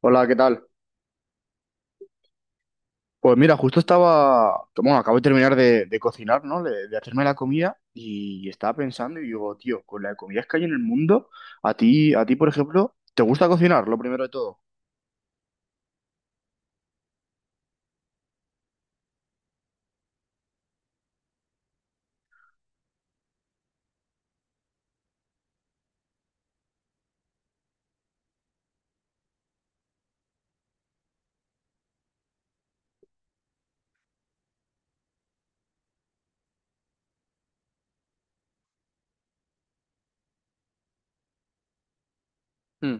Hola, ¿qué tal? Pues mira, justo estaba, bueno, acabo de terminar de cocinar, ¿no? De hacerme la comida y estaba pensando y digo, tío, con las comidas que hay en el mundo, a ti, por ejemplo, ¿te gusta cocinar, lo primero de todo? Mm.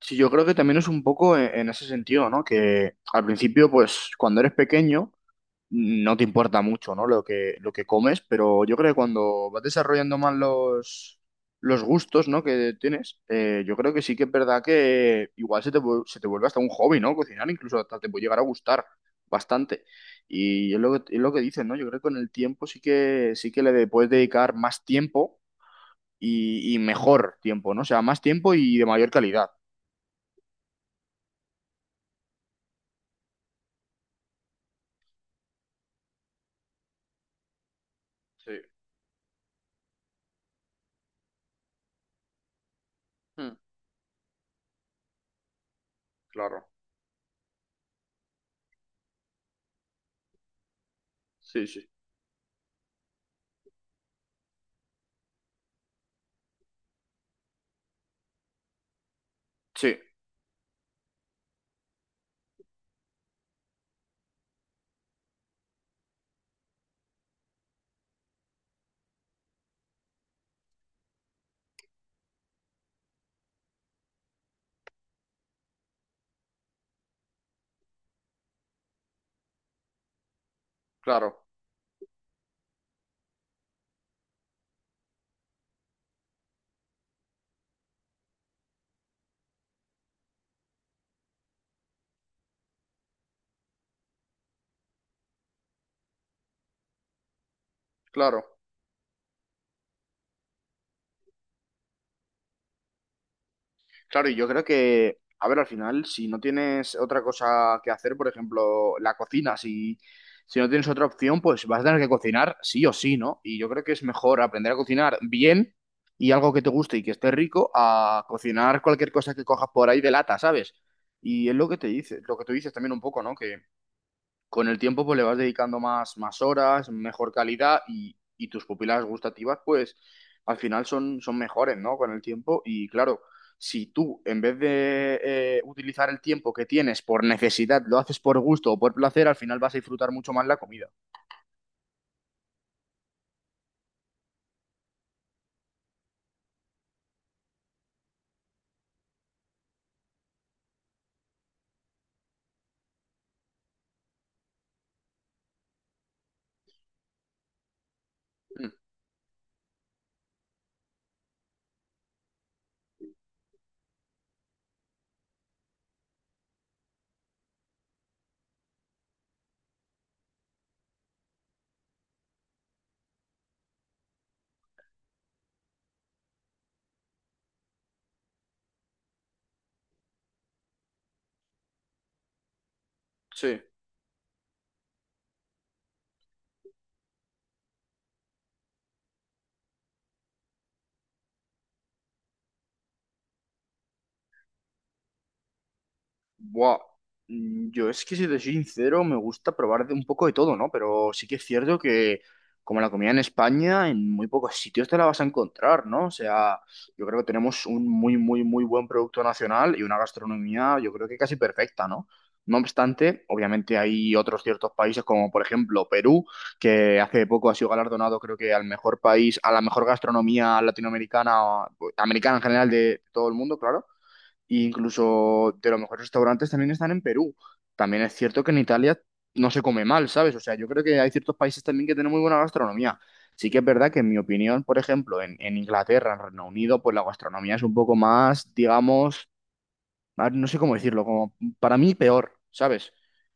Sí, yo creo que también es un poco en ese sentido, ¿no? Que al principio, pues, cuando eres pequeño, no te importa mucho, ¿no? Lo que comes, pero yo creo que cuando vas desarrollando más los gustos, ¿no? Que tienes, yo creo que sí que es verdad que igual se te vuelve hasta un hobby, ¿no? Cocinar, incluso hasta te puede llegar a gustar bastante. Y es lo que dices, ¿no? Yo creo que con el tiempo sí que le puedes dedicar más tiempo y mejor tiempo, ¿no? O sea, más tiempo y de mayor calidad. Sí. Mm, claro, sí, sí. Sí, claro, claro. Claro, y yo creo que, a ver, al final, si no tienes otra cosa que hacer, por ejemplo, la cocina, si no tienes otra opción, pues vas a tener que cocinar sí o sí, ¿no? Y yo creo que es mejor aprender a cocinar bien y algo que te guste y que esté rico a cocinar cualquier cosa que cojas por ahí de lata, ¿sabes? Y es lo que te dice, lo que tú dices también un poco, ¿no? Que con el tiempo pues le vas dedicando más horas, mejor calidad y tus pupilas gustativas pues al final son mejores, ¿no? Con el tiempo y claro, si tú en vez de utilizar el tiempo que tienes por necesidad, lo haces por gusto o por placer, al final vas a disfrutar mucho más la comida. Mm. Sí. Buah, yo es que si te soy sincero, me gusta probar de un poco de todo, ¿no? Pero sí que es cierto que como la comida en España, en muy pocos sitios te la vas a encontrar, ¿no? O sea, yo creo que tenemos un muy, muy, muy buen producto nacional y una gastronomía, yo creo que casi perfecta, ¿no? No obstante, obviamente hay otros ciertos países como por ejemplo Perú, que hace poco ha sido galardonado creo que al mejor país, a la mejor gastronomía latinoamericana, o americana en general de todo el mundo, claro, y incluso de los mejores restaurantes también están en Perú. También es cierto que en Italia no se come mal, ¿sabes? O sea, yo creo que hay ciertos países también que tienen muy buena gastronomía. Sí que es verdad que en mi opinión, por ejemplo, en Inglaterra, en Reino Unido, pues la gastronomía es un poco más, digamos, no sé cómo decirlo, como para mí peor, ¿sabes?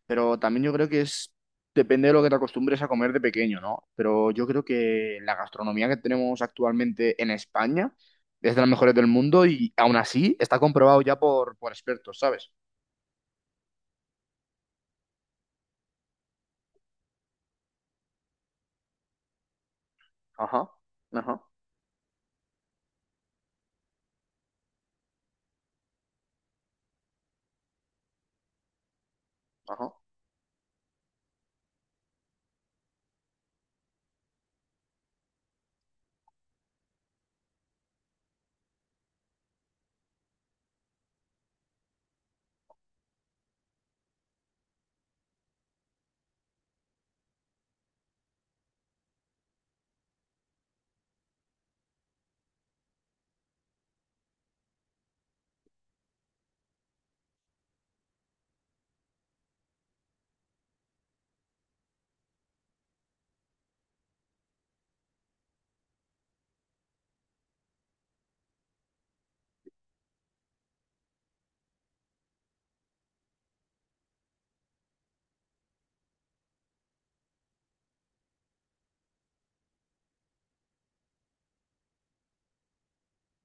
Pero también yo creo que es, depende de lo que te acostumbres a comer de pequeño, ¿no? Pero yo creo que la gastronomía que tenemos actualmente en España es de las mejores del mundo y aún así está comprobado ya por expertos, ¿sabes? Ajá, ajá, ajá,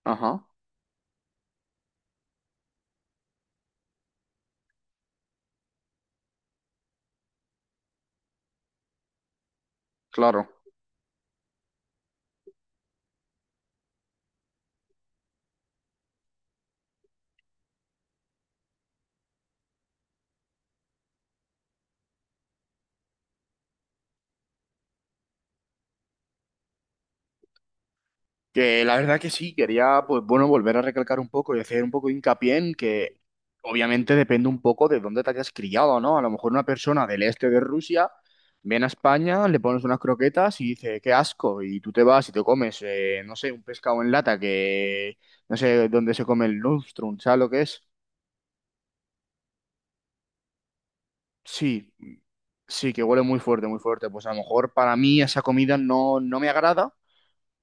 ajá, claro. Que la verdad que sí, quería, pues bueno, volver a recalcar un poco y hacer un poco de hincapié en que obviamente depende un poco de dónde te hayas criado, ¿no? A lo mejor una persona del este de Rusia viene a España, le pones unas croquetas y dice, qué asco, y tú te vas y te comes, no sé, un pescado en lata que no sé dónde se come el lustrum, ¿sabes lo que es? Sí, sí, que huele muy fuerte, muy fuerte. Pues a lo mejor para mí esa comida no, no me agrada.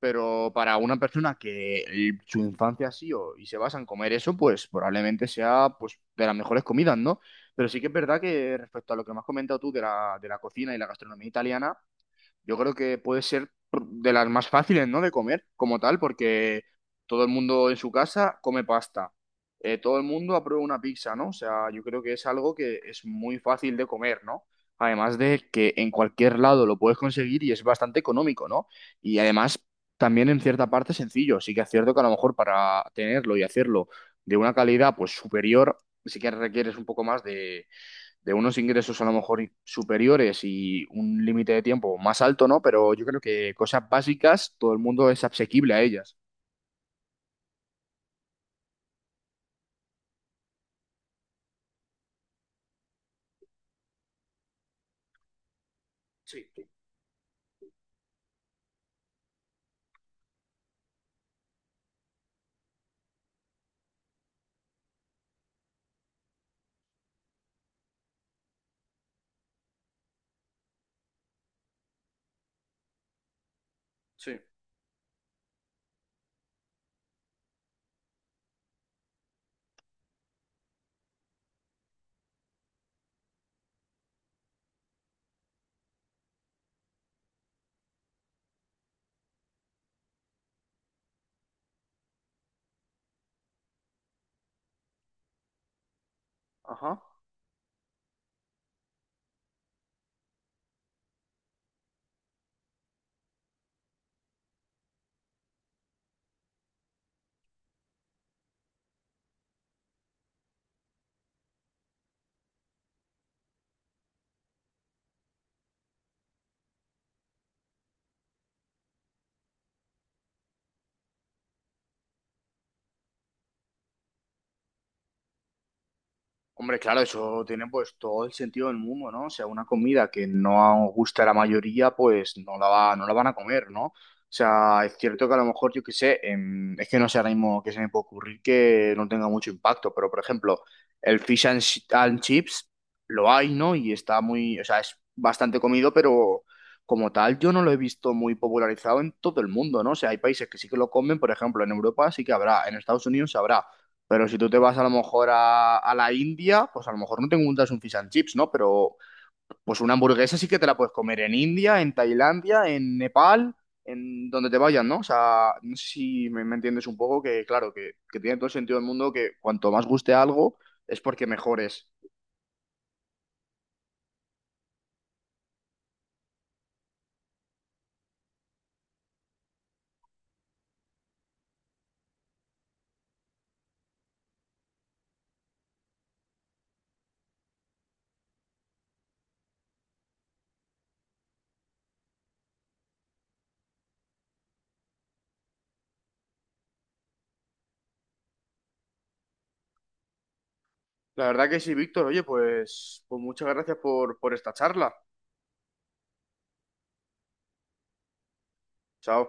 Pero para una persona que su infancia ha sido y se basa en comer eso, pues probablemente sea pues, de las mejores comidas, ¿no? Pero sí que es verdad que respecto a lo que me has comentado tú de la cocina y la gastronomía italiana, yo creo que puede ser de las más fáciles, ¿no? De comer como tal, porque todo el mundo en su casa come pasta. Todo el mundo aprueba una pizza, ¿no? O sea, yo creo que es algo que es muy fácil de comer, ¿no? Además de que en cualquier lado lo puedes conseguir y es bastante económico, ¿no? Y además también en cierta parte sencillo. Sí que es cierto que a lo mejor para tenerlo y hacerlo de una calidad pues superior, sí que requieres un poco más de unos ingresos a lo mejor superiores y un límite de tiempo más alto, ¿no? Pero yo creo que cosas básicas, todo el mundo es asequible a ellas. Sí, sí. Ajá. Hombre, claro, eso tiene pues todo el sentido del mundo, ¿no? O sea, una comida que no gusta a la mayoría, pues no la van a comer, ¿no? O sea, es cierto que a lo mejor, yo qué sé, es que no sé ahora mismo qué se me puede ocurrir que no tenga mucho impacto, pero por ejemplo, el and chips lo hay, ¿no? Y o sea, es bastante comido, pero como tal yo no lo he visto muy popularizado en todo el mundo, ¿no? O sea, hay países que sí que lo comen, por ejemplo, en Europa sí que habrá, en Estados Unidos habrá. Pero si tú te vas a lo mejor a la India, pues a lo mejor no te encuentras un fish and chips, ¿no? Pero pues una hamburguesa sí que te la puedes comer en India, en Tailandia, en Nepal, en donde te vayas, ¿no? O sea, no sé si me entiendes un poco que, claro, que tiene todo el sentido del mundo que cuanto más guste algo es porque mejor es. La verdad que sí, Víctor. Oye, pues muchas gracias por esta charla. Chao.